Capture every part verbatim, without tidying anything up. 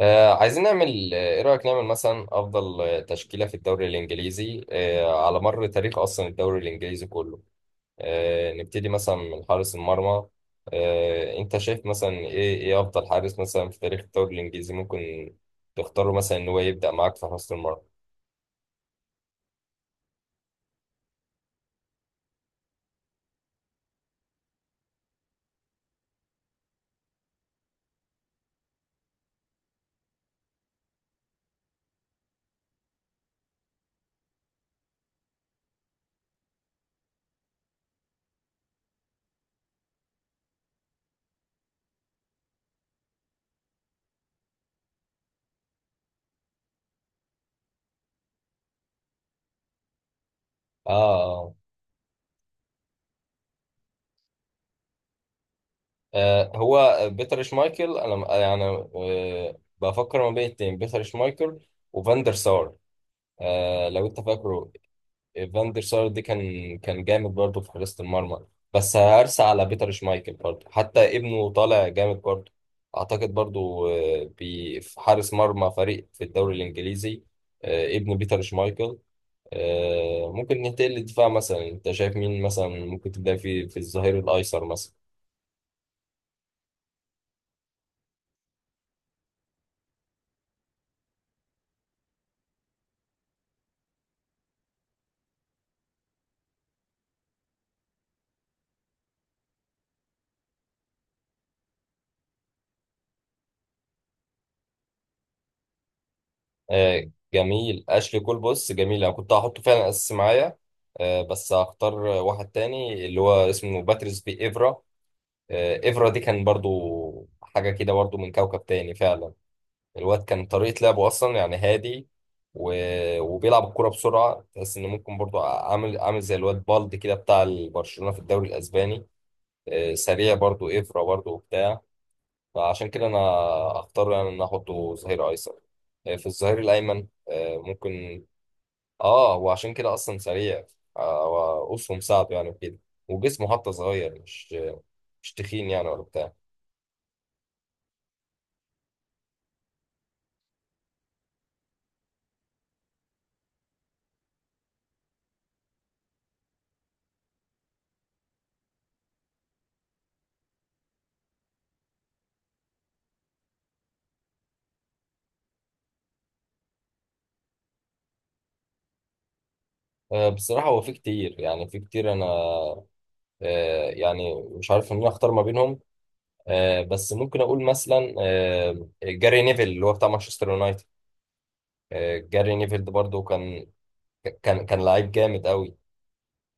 آه عايزين نعمل، آه، ايه رأيك نعمل مثلا افضل آه، تشكيلة في الدوري الانجليزي آه على مر تاريخ، اصلا الدوري الانجليزي كله. آه نبتدي مثلا من حارس المرمى. آه انت شايف مثلا ايه ايه افضل حارس مثلا في تاريخ الدوري الانجليزي، ممكن تختاره مثلا ان هو يبدأ معاك في حراسة المرمى؟ اه اه. آه، هو بيتر شمايكل، انا يعني آه بفكر ما بين اتنين، بيتر شمايكل وفاندر سار. آه لو انت فاكره. فاندر سار دي كان كان جامد برضه في حراسة المرمى، بس هرسى على بيتر شمايكل برضه، حتى ابنه طالع جامد برضه اعتقد برضه. آه، بي- في حارس مرمى فريق في الدوري الانجليزي، آه، ابن بيتر شمايكل. آه، ممكن ننتقل للدفاع. مثلا انت شايف مين مثلا ممكن تبدا في في الظهير الايسر مثلا؟ آه، جميل، اشلي كول بص، جميل، انا كنت هحطه فعلا اساسي معايا، آه، بس هختار واحد تاني اللي هو اسمه باتريس بي ايفرا. آه، افرا دي كان برضو حاجة كده، برضو من كوكب تاني فعلا. الواد كان طريقة لعبه أصلا يعني هادي، و... وبيلعب الكرة بسرعة، تحس إن ممكن برضو عامل عامل زي الواد بالدي كده بتاع برشلونة في الدوري الأسباني. آه، سريع برضو إفرا برضو وبتاع، فعشان كده أنا أختار يعني إن أنا أحطه ظهير أيسر. آه، في الظهير الأيمن آه، ممكن. اه، وعشان كده اصلا سريع، آه وقصه مساعده يعني وكده، وجسمه حتى صغير، مش مش تخين يعني ولا بتاع. آه بصراحة هو في كتير يعني، في كتير انا آه يعني مش عارف ان انا اختار ما بينهم. آه بس ممكن اقول مثلا آه جاري نيفل اللي هو بتاع مانشستر يونايتد. آه جاري نيفل ده برضه كان، كان كان لعيب جامد قوي.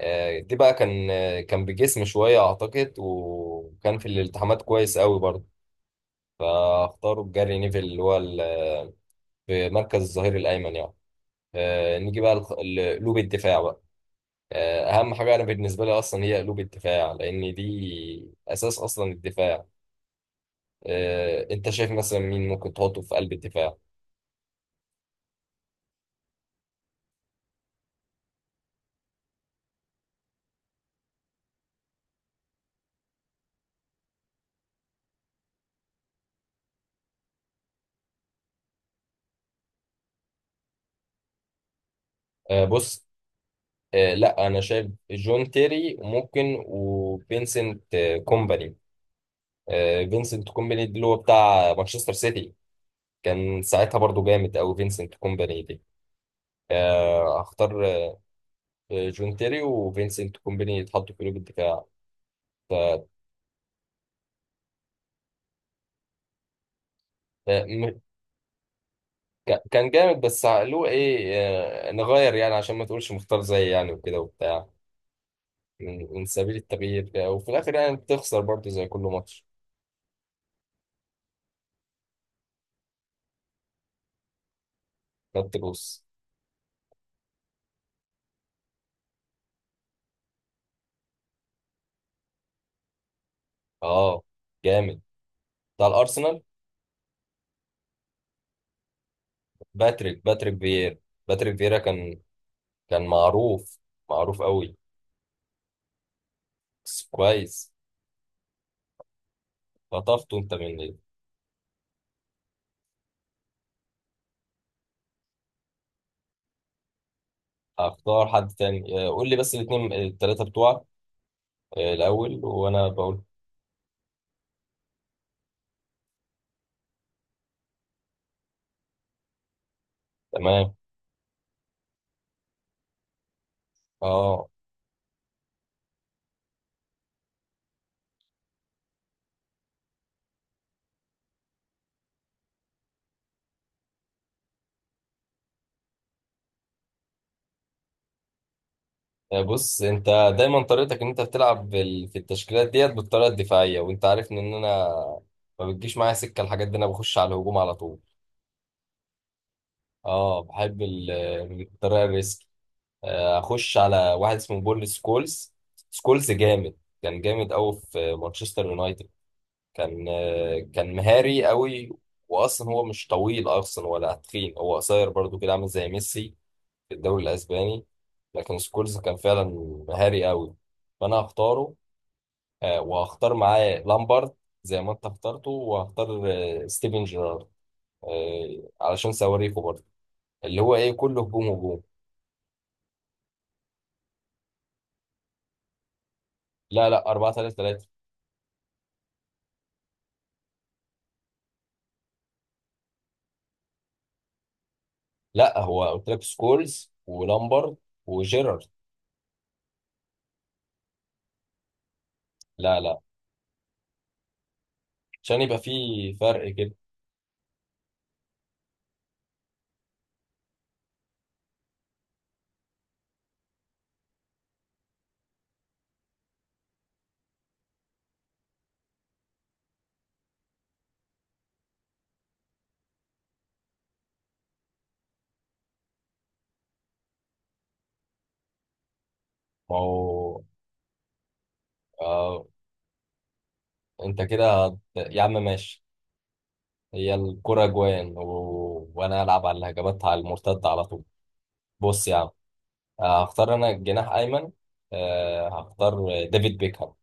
آه، دي بقى كان آه، كان بجسم شوية أعتقد، وكان في الالتحامات كويس قوي برضه، فاختاروا بجاري نيفل اللي هو ال- في مركز الظهير الأيمن يعني. آه، نيجي بقى لخ- ل- لقلوب الدفاع بقى. آه، أهم حاجة أنا بالنسبة لي أصلا هي قلوب الدفاع، لأن دي أساس أصلا الدفاع. آه، أنت شايف مثلا مين ممكن تحطه في قلب الدفاع؟ آه، بص، آه، لا أنا شايف جون تيري ممكن، وفينسنت آه، كومباني. آه، فينسنت كومباني اللي هو بتاع مانشستر سيتي كان ساعتها برضو جامد أوي، فينسنت كومباني دي. آه، هختار آه، جون تيري وفينسنت كومباني يتحطوا في قلوب الدفاع. آه، م- ك- كان جامد بس له ايه، آه، نغير يعني عشان ما تقولش مختار زي يعني وكده وبتاع، من من سبيل التغيير. آه، وفي الاخر يعني بتخسر برضه زي كل ماتش. خدت جوز. اه، جامد، بتاع الارسنال. باتريك باتريك فييرا. باتريك فييرا كان كان معروف معروف قوي، بس كويس. خطفته انت من. هختار حد تاني. آه، قول لي بس الاثنين الثلاثة بتوعك آه، الأول وأنا بقول. تمام. اه. آه، بص أنت دايما طريقتك إن أنت بتلعب بال- في التشكيلات ديت بالطريقة الدفاعية، وأنت عارف إن أنا ما بتجيش معايا سكة الحاجات دي، أنا بخش على الهجوم على طول. اه، بحب ال- الطريقة الريسك. آه، أخش على واحد اسمه بول سكولز. سكولز جامد، كان جامد أوي في مانشستر يونايتد، كان كان مهاري قوي، واصلا هو مش طويل اصلا ولا تخين، هو قصير برضو كده عامل زي ميسي في الدوري الاسباني، لكن سكولز كان فعلا مهاري قوي، فانا هختاره. آه، وهختار معاه لامبارد، زي ما انت اخترته، وهختار آه، ستيفن جيرارد آه، علشان صواريخه برضه، اللي هو ايه كله هجوم هجوم. لا لا، أربعة ثلاثة ثلاثة. لا، هو قلت لك سكولز ولامبارد وجيرارد. لا لا، عشان يبقى في فرق كده. ما هو آه، انت كده هت- يا عم ماشي، هي الكرة جوان، و... وانا العب على الهجمات على المرتد على طول. بص يا عم، آه، هختار انا جناح ايمن. آه، هختار ديفيد بيكهام.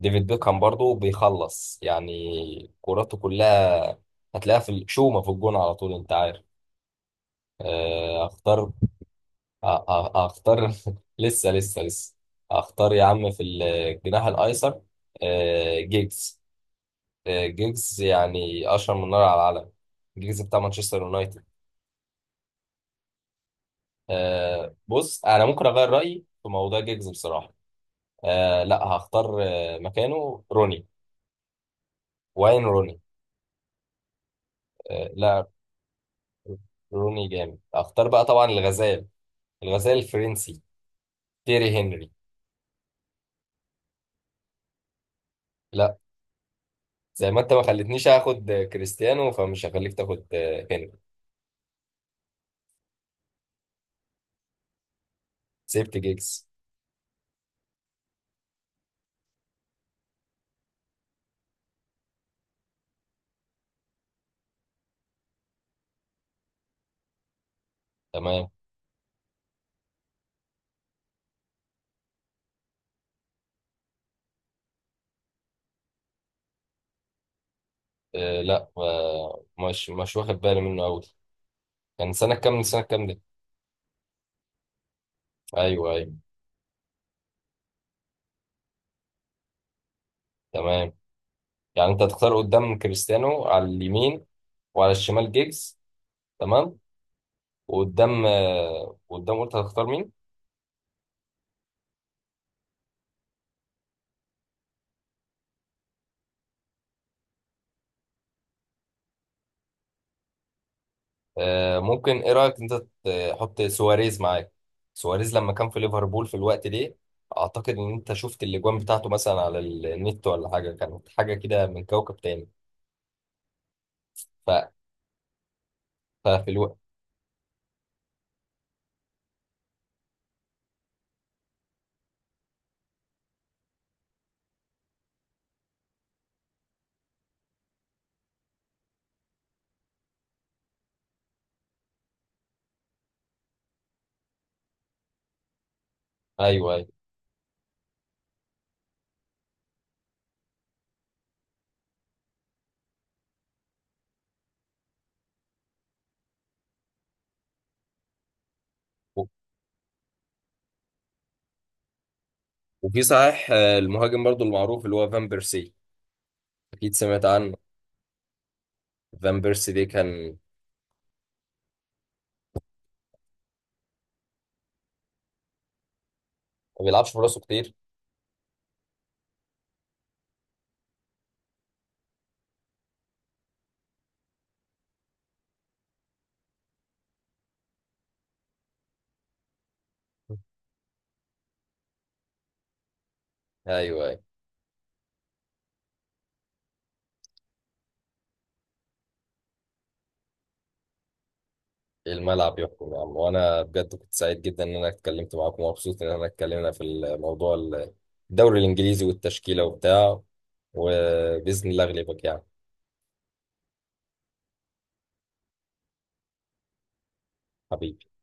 ديفيد بيكهام برضو بيخلص يعني كوراته كلها، هتلاقيها في الشومة في الجون على طول انت عارف. آه، هختار آه، آه، هختار لسه لسه لسه. هختار يا عم في الجناح الايسر آه، جيجز. جيجز يعني اشهر من نار على العلم، جيجز بتاع مانشستر يونايتد. آه بص انا ممكن اغير رايي في موضوع جيجز بصراحه. آه لا، هختار آه مكانه روني، واين روني. آه لا، روني جامد، هختار بقى طبعا الغزال، الغزال الفرنسي تيري هنري. لا، زي ما انت ما خلتنيش اخد آه، كريستيانو، فمش هخليك تاخد آه، هنري. سيبت جيجز. تمام. آه لا آه مش مش واخد بالي منه قوي. كان سنه كام؟ سنه كام دي؟ ايوه ايوه. تمام. يعني انت هتختار قدام كريستيانو على اليمين، وعلى الشمال جيجز. تمام. وقدام آه، قدام قلت هتختار مين؟ آه، ممكن، ايه رايك انت تحط سواريز معاك؟ سواريز لما كان في ليفربول في الوقت ده، اعتقد ان انت شفت الاجوان بتاعته مثلا على النت ولا حاجه، كانت حاجه كده من كوكب تاني. ف... ففي الوقت، ايوه ايوه. و- وفي صحيح آه، المهاجم برضو المعروف اللي هو فان بيرسي، اكيد سمعت عنه. فان بيرسي ده كان ما بيلعبش براسه كتير. ايوه ايوه. الملعب يحكم يا عم، وانا بجد كنت سعيد جدا ان انا اتكلمت معاكم، ومبسوط ان انا اتكلمنا في الموضوع، الدوري الانجليزي والتشكيله وبتاع، وباذن الله اغلبك يعني. حبيبي.